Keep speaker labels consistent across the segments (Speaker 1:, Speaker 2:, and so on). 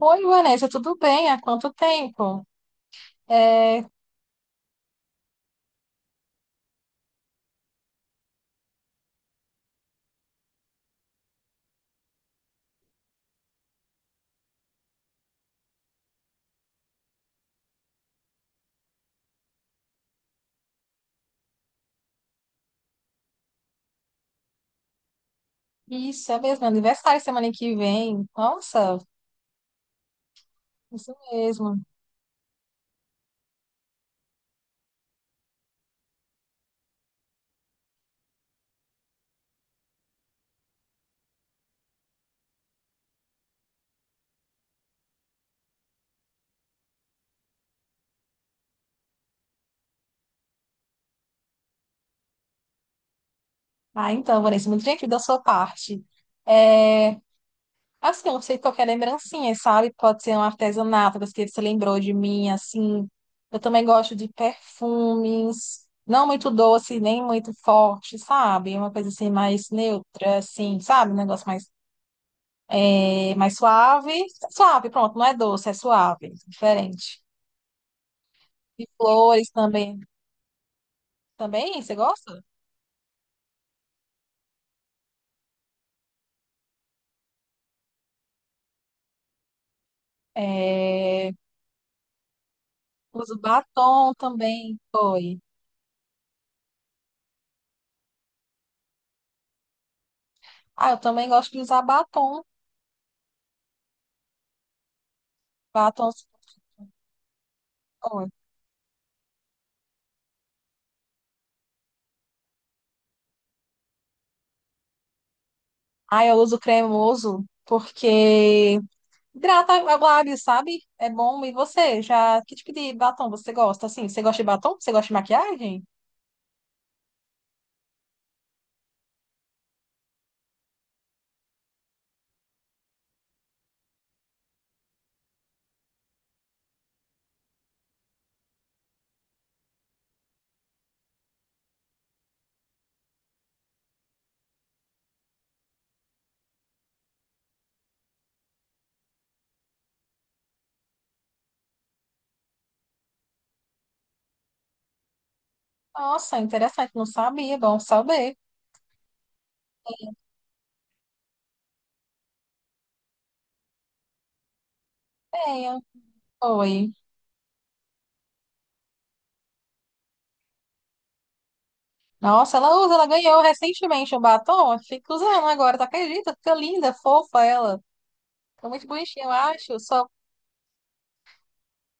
Speaker 1: Oi, Vanessa, tudo bem? Há quanto tempo? É, isso, é mesmo, é aniversário semana que vem. Nossa, isso mesmo. Ah, então, Vanessa, muito gentil da sua parte. É, assim, eu não sei, qualquer lembrancinha, sabe? Pode ser um artesanato, das que você lembrou de mim, assim. Eu também gosto de perfumes, não muito doce, nem muito forte, sabe? Uma coisa assim mais neutra, assim, sabe? Um negócio mais, mais suave. Suave, pronto, não é doce, é suave, diferente. De flores também. Também? Você gosta? É, uso batom também. Foi. Ah, eu também gosto de usar batom. Batom. Oi. Ah, eu uso cremoso porque hidrata o lábio, sabe? É bom. E você? Já, que tipo de batom você gosta? Assim, você gosta de batom? Você gosta de maquiagem? Nossa, interessante. Não sabia. Bom saber. Tenho. Oi. Nossa, ela usa, ela ganhou recentemente um batom. Fica usando agora, tu acredita? Fica linda, fofa ela. É muito bonitinho, eu acho. Sua,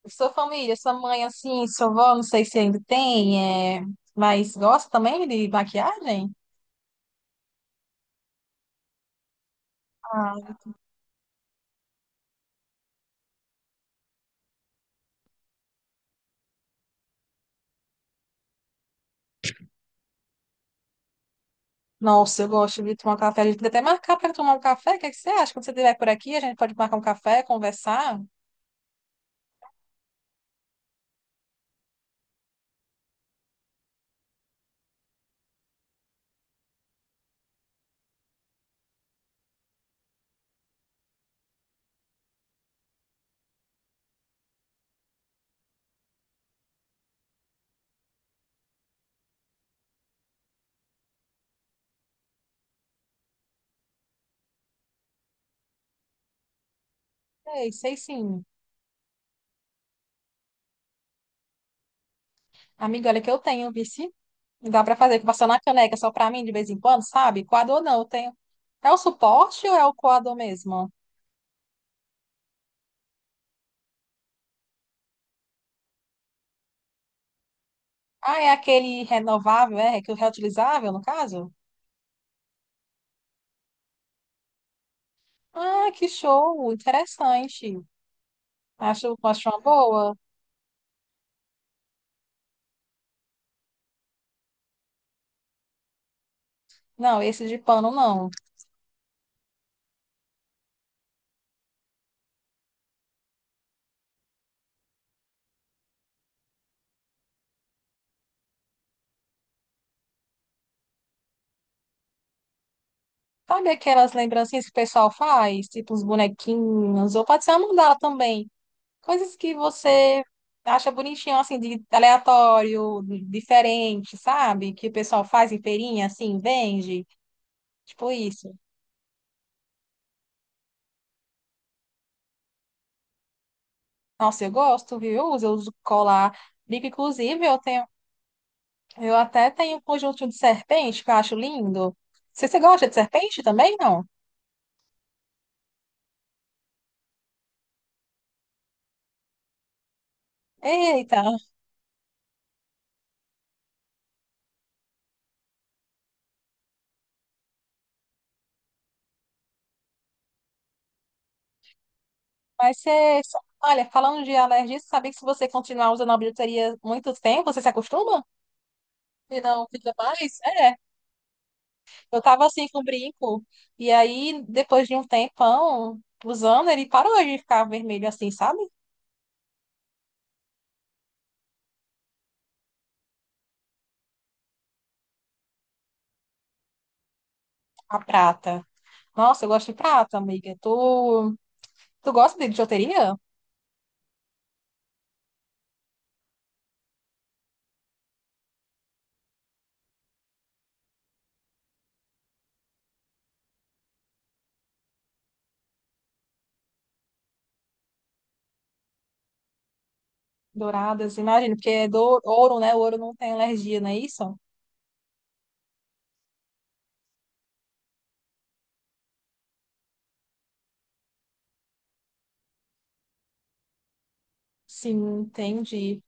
Speaker 1: sua família, sua mãe, assim, sua avó, não sei se ainda tem, é... mas gosta também de maquiagem? Ah, nossa, eu gosto de tomar um café. A gente podia até marcar para tomar um café. O que é que você acha? Quando você estiver por aqui, a gente pode marcar um café, conversar. Sei, sei sim. Amiga, olha que eu tenho, vice. Dá para fazer, que passar na caneca só para mim de vez em quando, sabe? Coador não, eu tenho. É o suporte ou é o coador mesmo? Ah, é aquele renovável, é? Que é o reutilizável, no caso? Ah, que show! Interessante. Acho, acho uma boa. Não, esse de pano não. Sabe aquelas lembrancinhas que o pessoal faz? Tipo uns bonequinhos, ou pode ser uma mandala também. Coisas que você acha bonitinho, assim, de aleatório, de- diferente, sabe? Que o pessoal faz em feirinha, assim, vende. Tipo isso. Nossa, eu gosto, viu? Eu uso colar. Brinco, inclusive, eu tenho, eu até tenho um conjunto de serpente que eu acho lindo. Você, você gosta de serpente também, não? Eita, mas você. Olha, falando de alergia, você sabia que se você continuar usando a bijuteria muito tempo, você se acostuma? E não fica mais? É. Eu tava assim com brinco. E aí, depois de um tempão usando, ele parou de ficar vermelho assim, sabe? A prata. Nossa, eu gosto de prata, amiga. Tu, tu gosta de bijuteria? Douradas, imagino, porque é do ouro, né? O ouro não tem alergia, não é isso? Sim, entendi.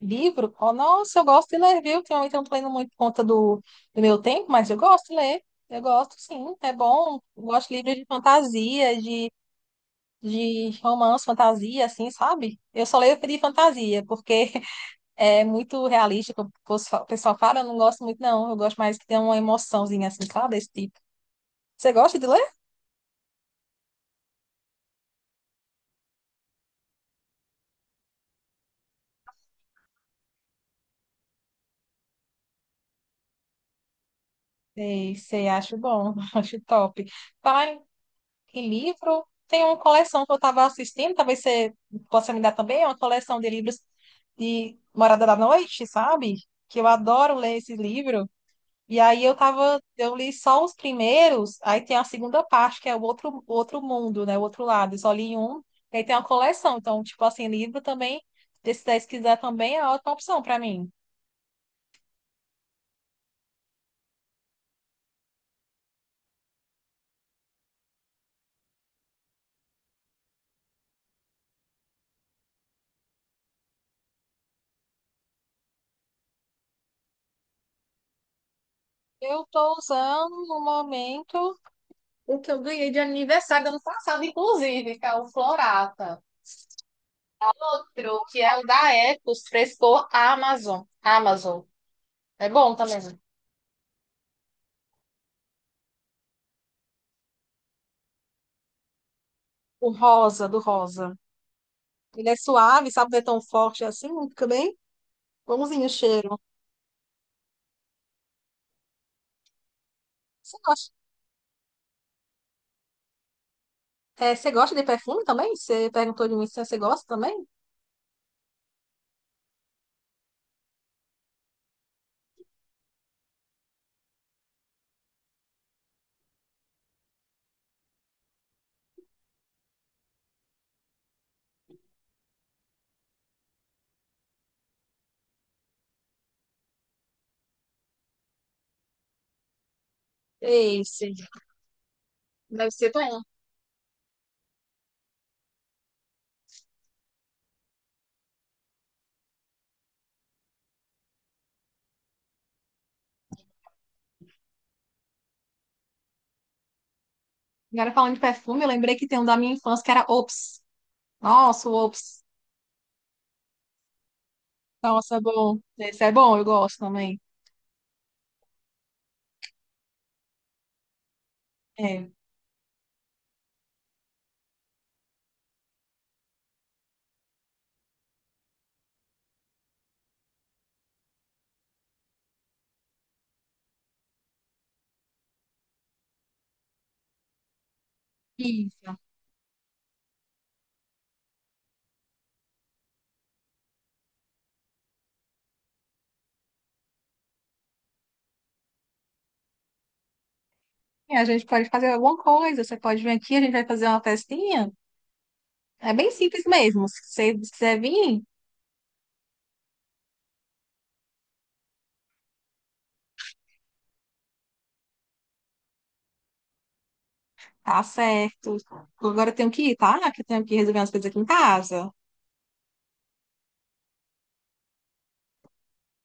Speaker 1: Livro? Oh, nossa, eu gosto de ler, viu? Ultimamente eu não tô lendo muito por conta do meu tempo, mas eu gosto de ler. Eu gosto, sim, é bom. Eu gosto de livros de fantasia, de romance, fantasia, assim, sabe? Eu só leio de fantasia, porque é muito realista, como o pessoal fala, eu não gosto muito, não. Eu gosto mais que tenha uma emoçãozinha, assim, sabe? Desse tipo. Você gosta de ler? Sei, sei, acho bom, acho top. Fala, que livro? Tem uma coleção que eu estava assistindo, talvez você possa me dar também, é uma coleção de livros de Morada da Noite, sabe? Que eu adoro ler esse livro. E aí eu tava, eu li só os primeiros, aí tem a segunda parte, que é o outro, outro mundo, né? O outro lado. Eu só li um, e aí tem uma coleção. Então, tipo assim, livro também, desses daí, se quiser também, é outra opção para mim. Eu tô usando no momento o que eu ganhei de aniversário do ano passado, inclusive, que é o Florata. Que é o da Ecos, frescor Amazon. Amazon. É bom também. O rosa, do rosa. Ele é suave, sabe, não é tão forte assim, fica bem bonzinho o cheiro. Você gosta, é, você gosta de perfume também? Você perguntou de mim se você gosta também? Esse, deve ser bom. Agora falando de perfume, eu lembrei que tem um da minha infância que era Ops. Nossa, o ops. Nossa, é bom. Esse é bom, eu gosto também. É, isso. E a gente pode fazer alguma coisa. Você pode vir aqui, a gente vai fazer uma festinha. É bem simples mesmo. Se você quiser vir, tá certo. Agora eu tenho que ir, tá? Que eu tenho que resolver umas coisas aqui em casa.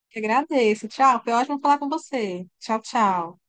Speaker 1: Te agradeço. Tchau. Foi ótimo falar com você. Tchau, tchau.